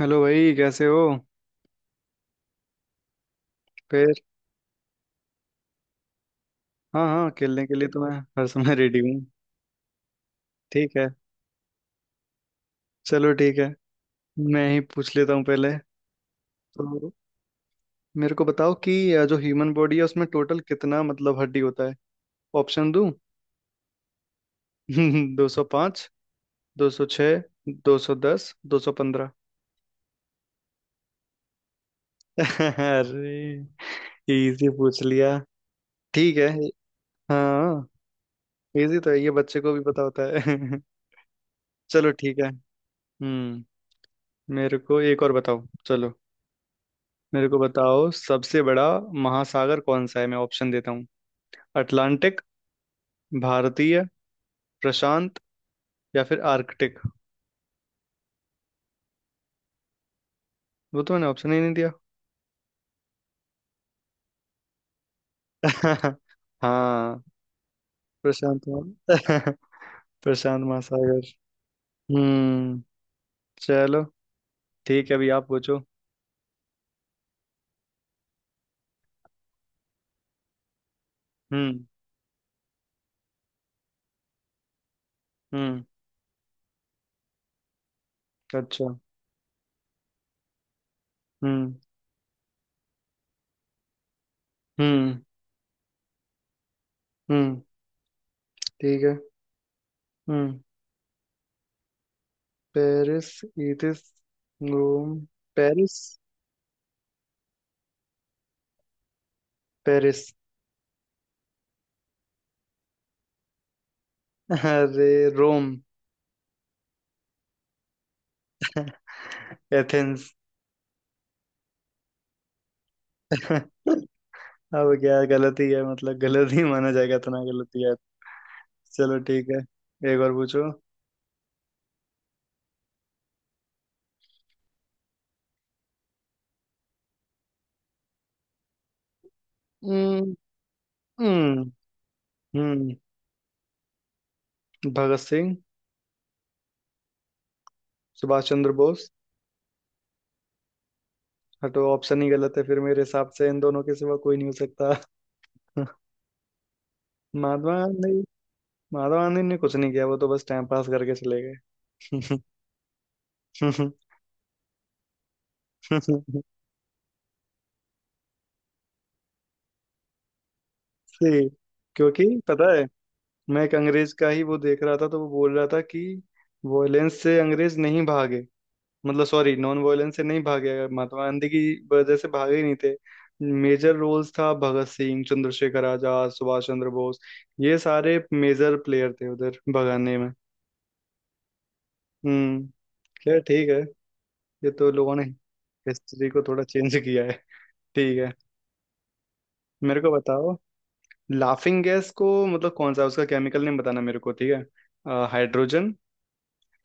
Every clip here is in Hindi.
हेलो भाई, कैसे हो। फिर। हाँ हाँ, खेलने के लिए तो मैं हर समय रेडी हूँ। ठीक है, चलो ठीक है। मैं ही पूछ लेता हूँ पहले। तो मेरे को बताओ कि जो ह्यूमन बॉडी है उसमें टोटल कितना मतलब हड्डी होता है। ऑप्शन दूँ। 205, 206, 210, 215। अरे, इजी पूछ लिया। ठीक है। हाँ। इजी तो है, ये बच्चे को भी पता होता है। चलो ठीक है। हम्म। मेरे को एक और बताओ, चलो। मेरे को बताओ सबसे बड़ा महासागर कौन सा है, मैं ऑप्शन देता हूँ। अटलांटिक, भारतीय, प्रशांत या फिर आर्कटिक। वो तो मैंने ऑप्शन ही नहीं दिया। हाँ। प्रशांत महा- प्रशांत महासागर। हम्म। चलो ठीक है, अभी आप पूछो। हम्म। हम्म। अच्छा। हम्म। हम्म। हम्म। ठीक है। हम्म। पेरिस, इथिस, रोम। पेरिस। पेरिस। अरे, रोम। एथेंस। अब क्या गलती है, मतलब गलत ही माना जाएगा इतना गलती है। चलो ठीक है, एक और पूछो। हम्म। हम्म। हम्म। भगत सिंह। सुभाष चंद्र बोस। हटो, ऑप्शन ही गलत है फिर, मेरे हिसाब से इन दोनों के सिवा कोई नहीं हो सकता। महात्मा गांधी। महात्मा गांधी ने कुछ नहीं किया, वो तो बस टाइम पास करके चले गए। सही। क्योंकि पता है, मैं एक अंग्रेज का ही वो देख रहा था तो वो बोल रहा था कि वॉयलेंस से अंग्रेज नहीं भागे। मतलब सॉरी, नॉन वायलेंस से नहीं भागे, महात्मा गांधी की वजह से भागे ही नहीं थे। मेजर रोल्स था भगत सिंह, चंद्रशेखर आजाद, सुभाष चंद्र बोस, ये सारे मेजर प्लेयर थे उधर भगाने में। हम्म। खैर ठीक है। ये तो लोगों ने हिस्ट्री को थोड़ा चेंज किया है। ठीक है। मेरे को बताओ लाफिंग गैस को मतलब कौन सा उसका केमिकल नेम, बताना मेरे को, ठीक है। हाइड्रोजन,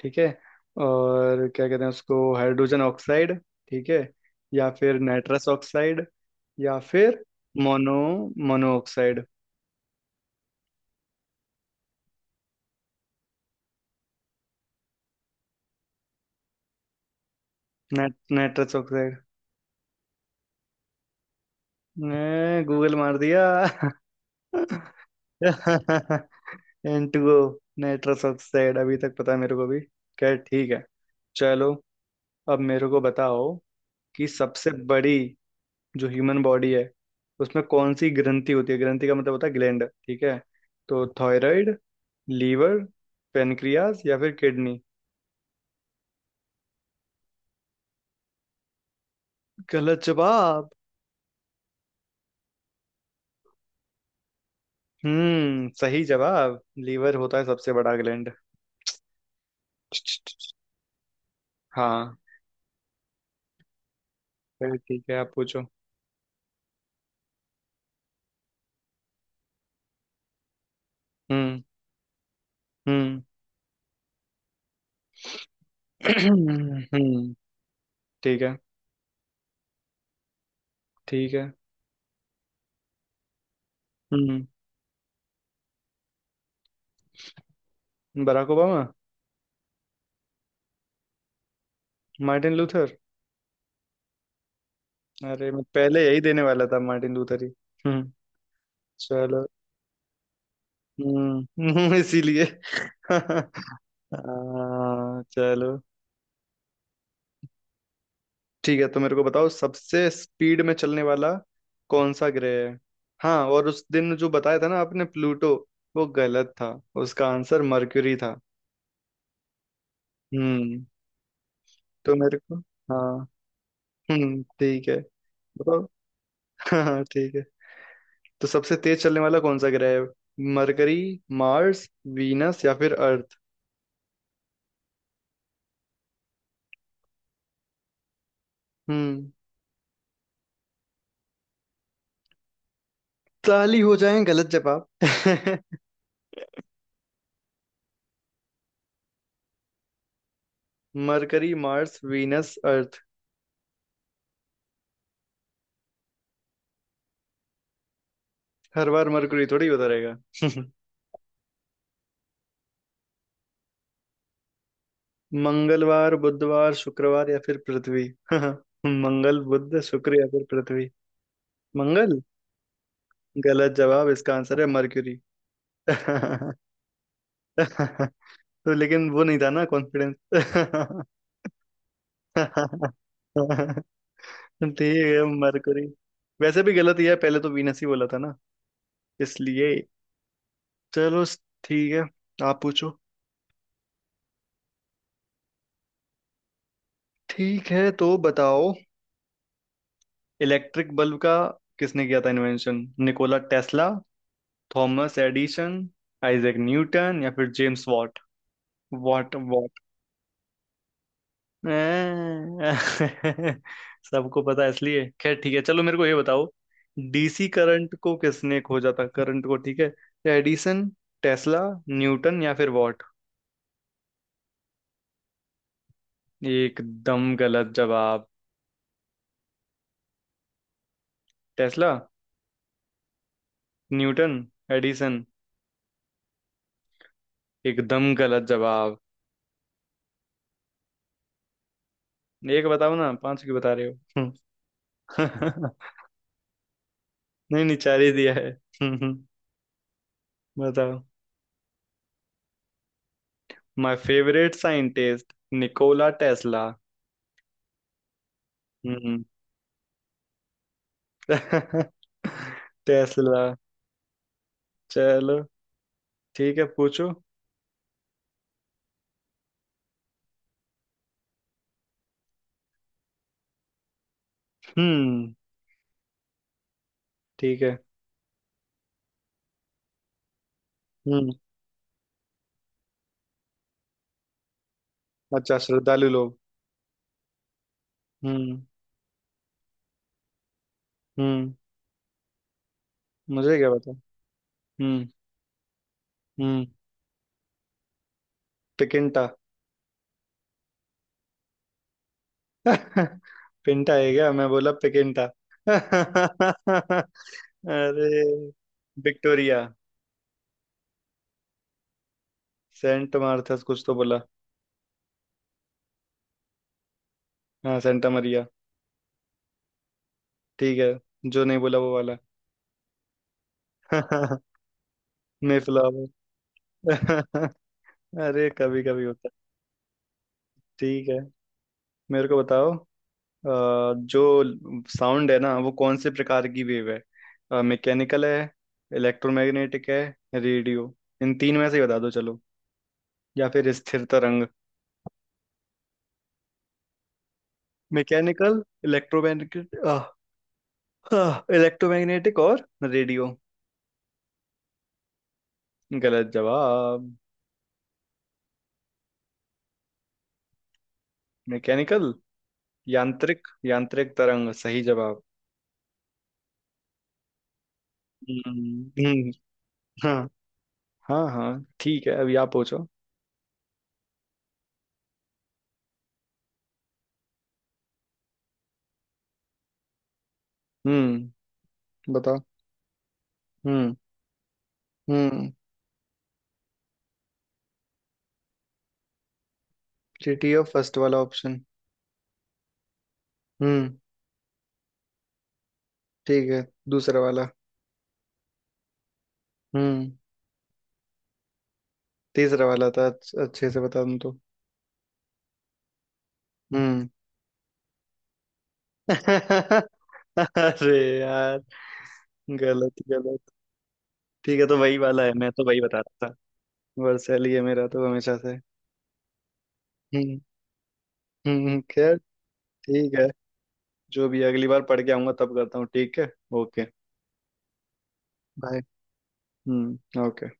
ठीक है। और क्या कहते हैं उसको, हाइड्रोजन ऑक्साइड ठीक है, या फिर नाइट्रस ऑक्साइड, या फिर mono mono oxide. Nitrous oxide ने गूगल मार दिया। N2O। नाइट्रस ऑक्साइड अभी तक पता है मेरे को भी। खैर ठीक है, चलो। अब मेरे को बताओ कि सबसे बड़ी, जो ह्यूमन बॉडी है उसमें कौन सी ग्रंथि होती है, ग्रंथि का मतलब होता है ग्लैंड, ठीक है। तो थायराइड, लीवर, पेनक्रियास या फिर किडनी। गलत जवाब। हम्म, सही जवाब। लीवर होता है सबसे बड़ा ग्लैंड। हाँ। चलिए ठीक है, आप पूछो। हम्म। हम्म। हम्म। ठीक है। ठीक है। हम्म। Barack Obama. Martin Luther. अरे, मैं पहले यही देने वाला था, मार्टिन लूथर ही। हम्म। चलो। हम्म। इसीलिए। आ, चलो ठीक है। तो मेरे को बताओ सबसे स्पीड में चलने वाला कौन सा ग्रह है। हाँ, और उस दिन जो बताया था ना आपने प्लूटो, वो गलत था। उसका आंसर मरक्यूरी था। हम्म। तो मेरे को, हाँ, ठीक है, बताओ। हाँ ठीक है। तो सबसे तेज चलने वाला कौन सा ग्रह है। मरकरी, मार्स, वीनस या फिर अर्थ। हम्म। ताली हो जाए गलत जवाब। Mercury, Mars, Venus, Earth. हर बार मरकरी थोड़ी होता रहेगा। मंगलवार, बुधवार, शुक्रवार या फिर पृथ्वी। मंगल, बुध, शुक्र या फिर पृथ्वी। मंगल। गलत जवाब, इसका आंसर है मर्क्यूरी। तो लेकिन वो नहीं था ना कॉन्फिडेंस। ठीक है मरकरी, वैसे भी गलत ही है, पहले तो वीनस ही बोला था ना इसलिए। चलो ठीक है, आप पूछो। ठीक है तो बताओ, इलेक्ट्रिक बल्ब का किसने किया था invention, Nikola Tesla, Thomas Edison, Isaac Newton या फिर जेम्स वॉट। Watt what. अं, सबको पता है इसलिए, खैर ठीक है। चलो मेरे को ये बताओ, डीसी करंट को किसने खोजा था, करंट को, ठीक है। एडिसन, टेस्ला, न्यूटन या फिर वॉट। एकदम गलत जवाब। टेस्ला। Newton, Edison. एकदम गलत जवाब। एक बताओ ना, पांच क्यों बता रहे हो। नहीं नहीं, चार ही दिया है। बताओ। My favorite scientist, Nikola Tesla. Hmm. Tesla. चलो ठीक है, पूछो। हम्म। ठीक है। हम्म। अच्छा, श्रद्धालु लोग। हम्म। हम्म। मुझे क्या पता। हम्म। हम्म। पिकिंटा। पिंटा है क्या, मैं बोला पिकिंटा। अरे। विक्टोरिया। सेंट मार्थस कुछ तो बोला। हाँ, सेंटा मरिया। ठीक है, जो नहीं बोला वो वाला। मेफ्लावर। अरे, कभी कभी होता है। ठीक है। मेरे को बताओ अ, जो साउंड है ना वो कौन से प्रकार की वेव है, मैकेनिकल है, इलेक्ट्रोमैग्नेटिक है, रेडियो, इन तीन में से ही बता दो चलो, या फिर स्थिर तरंग। मैकेनिकल, इलेक्ट्रोमैग्नेटिक इलेक्ट्रोमैग्नेटिक और रेडियो। गलत जवाब। मैकेनिकल, यांत्रिक। यांत्रिक तरंग सही जवाब। हम्म। हाँ। हाँ हाँ, ठीक है, अभी आप पूछो। हम्म। बताओ। हम्म। हम्म। जीटीओ फर्स्ट वाला ऑप्शन। हम्म। ठीक है, दूसरा वाला। हम्म। तीसरा वाला था, अच्छे से बता दूं तो। हम्म। अरे यार, गलत गलत। ठीक है, तो वही वाला है, मैं तो वही बता रहा था। वर्सेली है मेरा तो हमेशा से। हम्म। हम्म, खैर। ठीक है, जो भी है, अगली बार पढ़ के आऊंगा तब करता हूँ, ठीक है। ओके। बाय। हम्म। ओके।